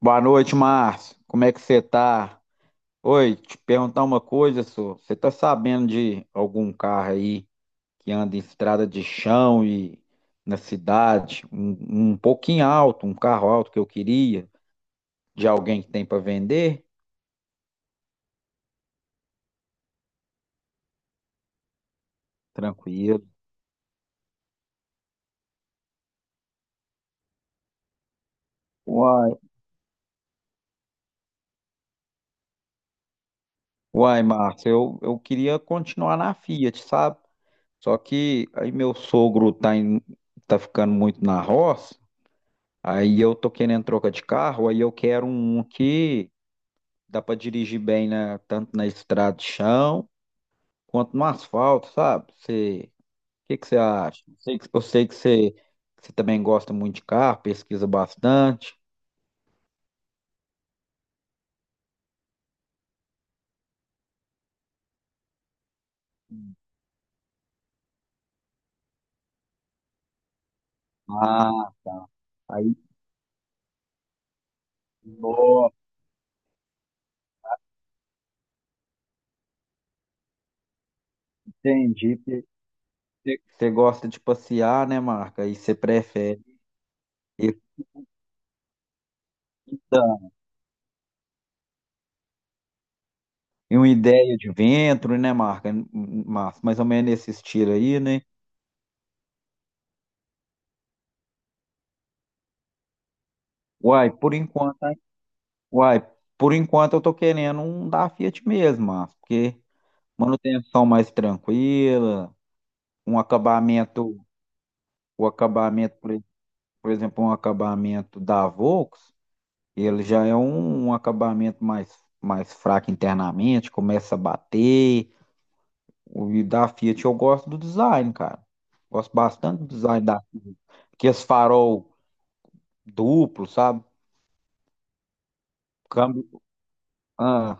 Boa noite, Márcio. Como é que você tá? Oi, te perguntar uma coisa, senhor. Você tá sabendo de algum carro aí que anda em estrada de chão e na cidade, um pouquinho alto, um carro alto que eu queria, de alguém que tem para vender? Tranquilo. Uai, uai, Márcio, eu queria continuar na Fiat, sabe? Só que aí meu sogro tá, tá ficando muito na roça, aí eu tô querendo troca de carro, aí eu quero um que dá pra dirigir bem na, tanto na estrada de chão quanto no asfalto, sabe? Você, o que que você acha? Eu sei que você também gosta muito de carro, pesquisa bastante. Ah, tá. Aí, ó, entendi. Você gosta de passear, né, Marca? E você prefere e- então, e uma ideia de ventre, né, Marca? Mas mais ou menos nesse estilo aí, né? Uai, por enquanto, hein? Uai, por enquanto eu tô querendo um da Fiat mesmo, Márcio, porque manutenção mais tranquila, um acabamento, o acabamento, por exemplo, um acabamento da Volks, ele já é um acabamento mais, mais fraco internamente, começa a bater. O e da Fiat eu gosto do design, cara. Gosto bastante do design da Fiat. Que esse farol duplo, sabe? Câmbio. Ah,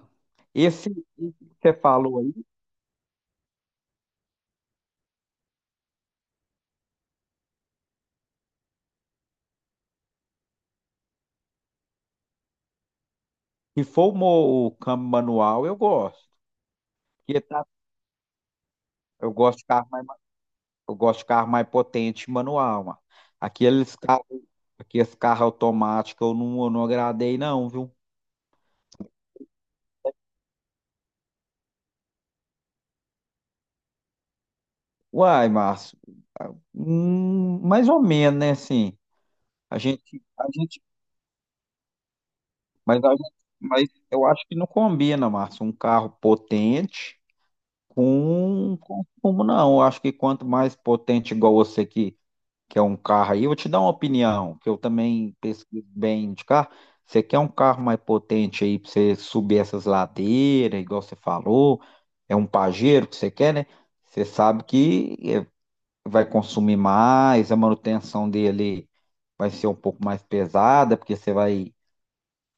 esse, esse que você falou aí, se for o, o câmbio manual, eu gosto. Porque tá, eu gosto de carro. Eu gosto de carro mais potente, manual, mano. Aqueles carros, aqueles carros automáticos eu não agradei, não, viu? Uai, Márcio, mais ou menos, né, assim, a gente, mas, mas eu acho que não combina, Márcio, um carro potente com consumo, não, eu acho que quanto mais potente igual você que é um carro aí, eu vou te dar uma opinião, que eu também pesquiso bem de carro. Você quer um carro mais potente aí para você subir essas ladeiras, igual você falou? É um Pajero que você quer, né? Você sabe que vai consumir mais, a manutenção dele vai ser um pouco mais pesada, porque você vai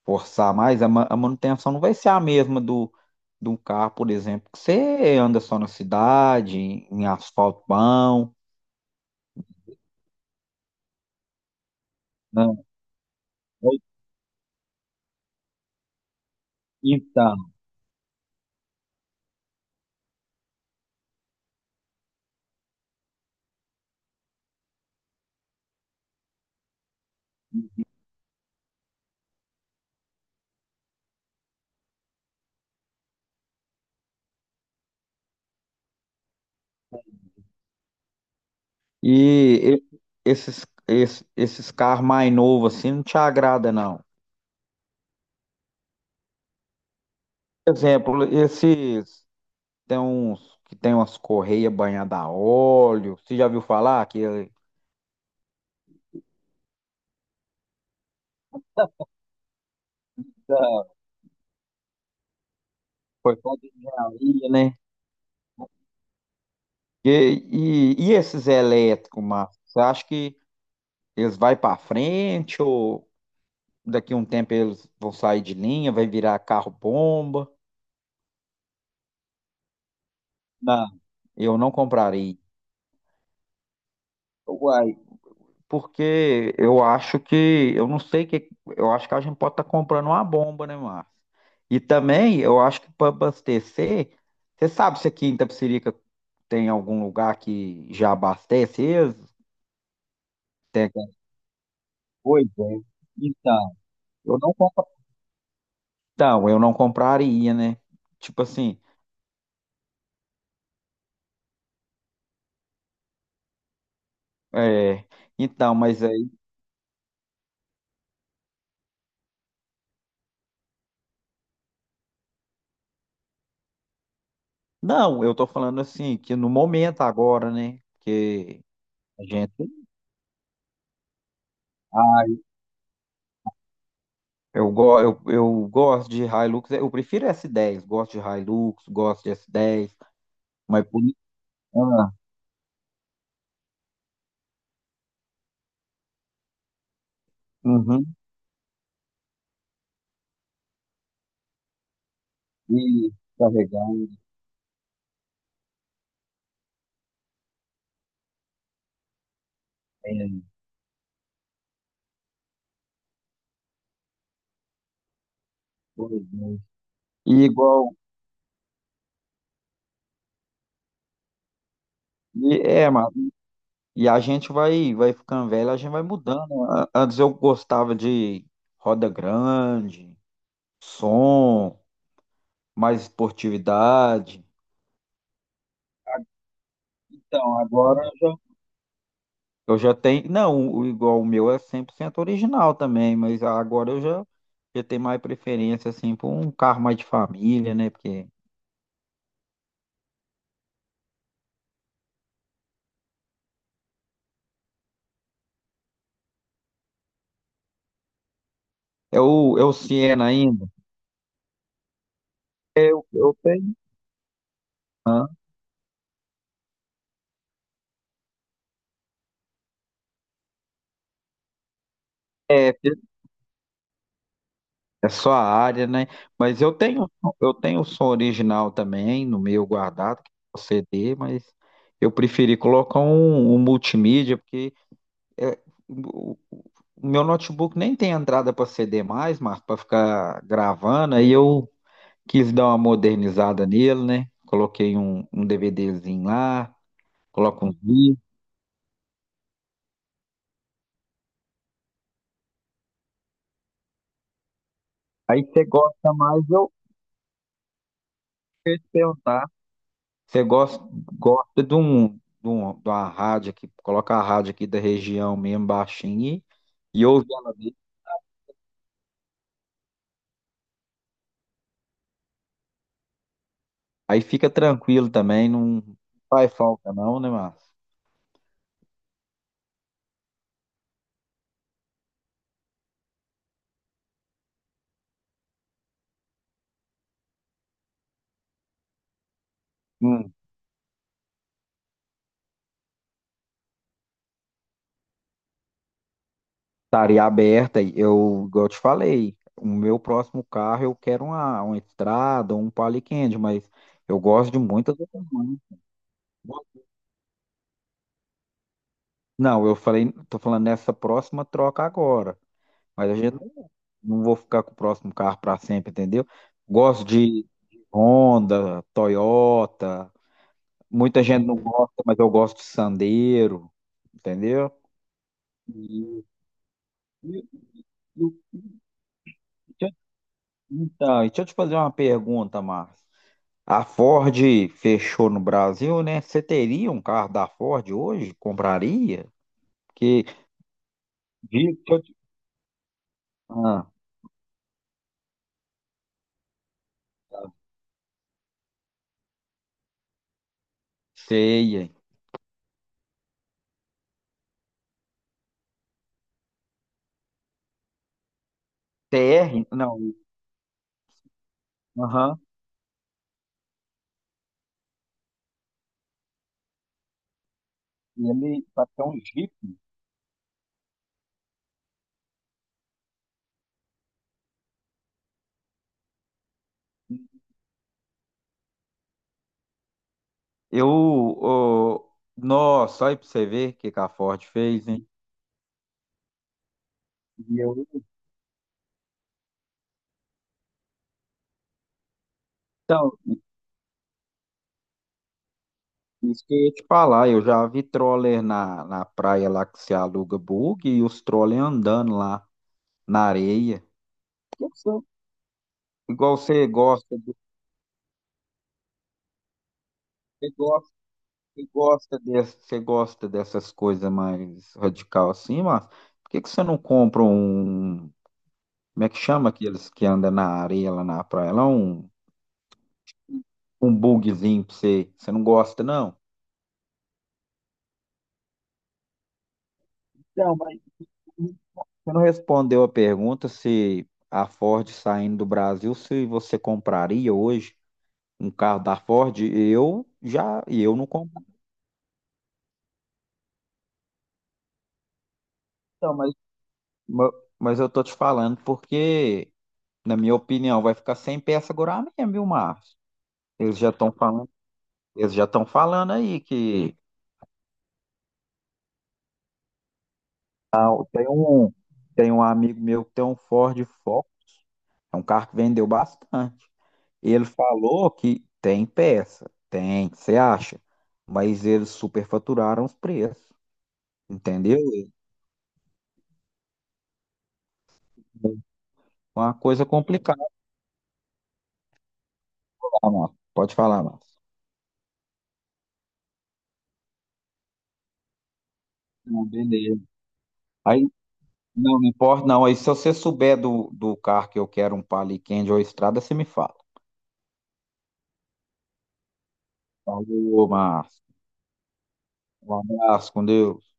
forçar mais. A, a manutenção não vai ser a mesma do de um carro, por exemplo, que você anda só na cidade, em asfalto bom. Né? Então, E e- esses, esses carros mais novos assim não te agrada, não. Por exemplo, esses tem uns que tem umas correias banhadas a óleo. Você já viu falar que foi só de engenharia, né? E, e esses elétricos, Márcio? Você acha que eles vão para frente ou daqui a um tempo eles vão sair de linha, vai virar carro bomba? Não, eu não comprarei. Porque eu não sei que, eu acho que a gente pode estar comprando uma bomba, né, Márcio? E também, eu acho que para abastecer, você sabe se aqui em Itapecerica tem algum lugar que já abastece eles? Tem alguma coisa? Então, eu não compro. Então, eu não compraria, né? Tipo assim, é, então, mas aí, não, eu tô falando assim, que no momento agora, né? Que a gente Eu gosto de Hilux, eu prefiro S10, gosto de Hilux, gosto de S10, mas por... ah, uhum, e carregar, é, pois é. E igual, é, mano, e a gente vai, vai ficando velho, a gente vai mudando. Antes eu gostava de roda grande, som, mais esportividade. Então, agora eu já tenho. Não, o, igual o meu é 100% original também, mas já tenho mais preferência, assim, por um carro mais de família, né? Porque é é o Siena ainda. Eu tenho. Hã? É só a área, né? Mas eu tenho o som original também no meu guardado, que é o CD, mas eu preferi colocar um multimídia, porque é, o, o meu notebook nem tem entrada para CD mais, Marco, para ficar gravando, aí eu quis dar uma modernizada nele, né? Coloquei um DVDzinho lá, coloco uns vídeos. Aí você gosta mais, eu vou te perguntar. Você gosta, gosta de um, de de uma rádio aqui, coloca a rádio aqui da região mesmo, baixinho, e ouve ela ali. Aí fica tranquilo também, não faz falta não, né, Márcio? Hum. Estaria aberta, e eu, igual eu te falei, o meu próximo carro eu quero uma estrada, um Palio Quente, mas eu gosto de muitas outras marcas. Não, eu falei, tô falando nessa próxima troca agora. Mas a gente não, não vou ficar com o próximo carro para sempre, entendeu? Gosto de Honda, Toyota. Muita gente não gosta, mas eu gosto de Sandero, entendeu? E, e- e- deixa- então, e deixa eu te fazer uma pergunta, Márcio. A Ford fechou no Brasil, né? Você teria um carro da Ford hoje? Compraria? Porque, vi que eu te- Ah, sei, hein? TR? Não. Aham. E ele bateu um Jeep. Né? Eu, ô, nossa, olha aí pra você ver o que que a Ford fez, hein? E eu, então, isso que eu ia te falar, eu já vi troller na, na praia lá que se aluga bug e os troller andando lá na areia. Que Igual você gosta, de- você gosta, você gosta desse, você gosta dessas coisas mais radical assim, mas por que que você não compra um, como é que chama aqueles que andam na areia lá na praia? Lá um um bugzinho pra você. Você não gosta, não? Não, mas você não respondeu a pergunta se a Ford saindo do Brasil, se você compraria hoje um carro da Ford? Eu não compro, não, mas, ma- mas eu tô te falando porque, na minha opinião, vai ficar sem peça agora mesmo, viu, Márcio? Eles já estão falando, eles já estão falando aí que ah, tem um, tem um amigo meu que tem um Ford Focus, é um carro que vendeu bastante. Ele falou que tem peça, tem, você acha? Mas eles superfaturaram os preços, entendeu? É uma coisa complicada, Márcio. Pode falar, Márcio. Não, beleza. Aí, não, não importa, não. Aí, se você souber do, do carro que eu quero, um Palio Candy ou Estrada, você me fala. Falou, Márcio. Um abraço, com Deus.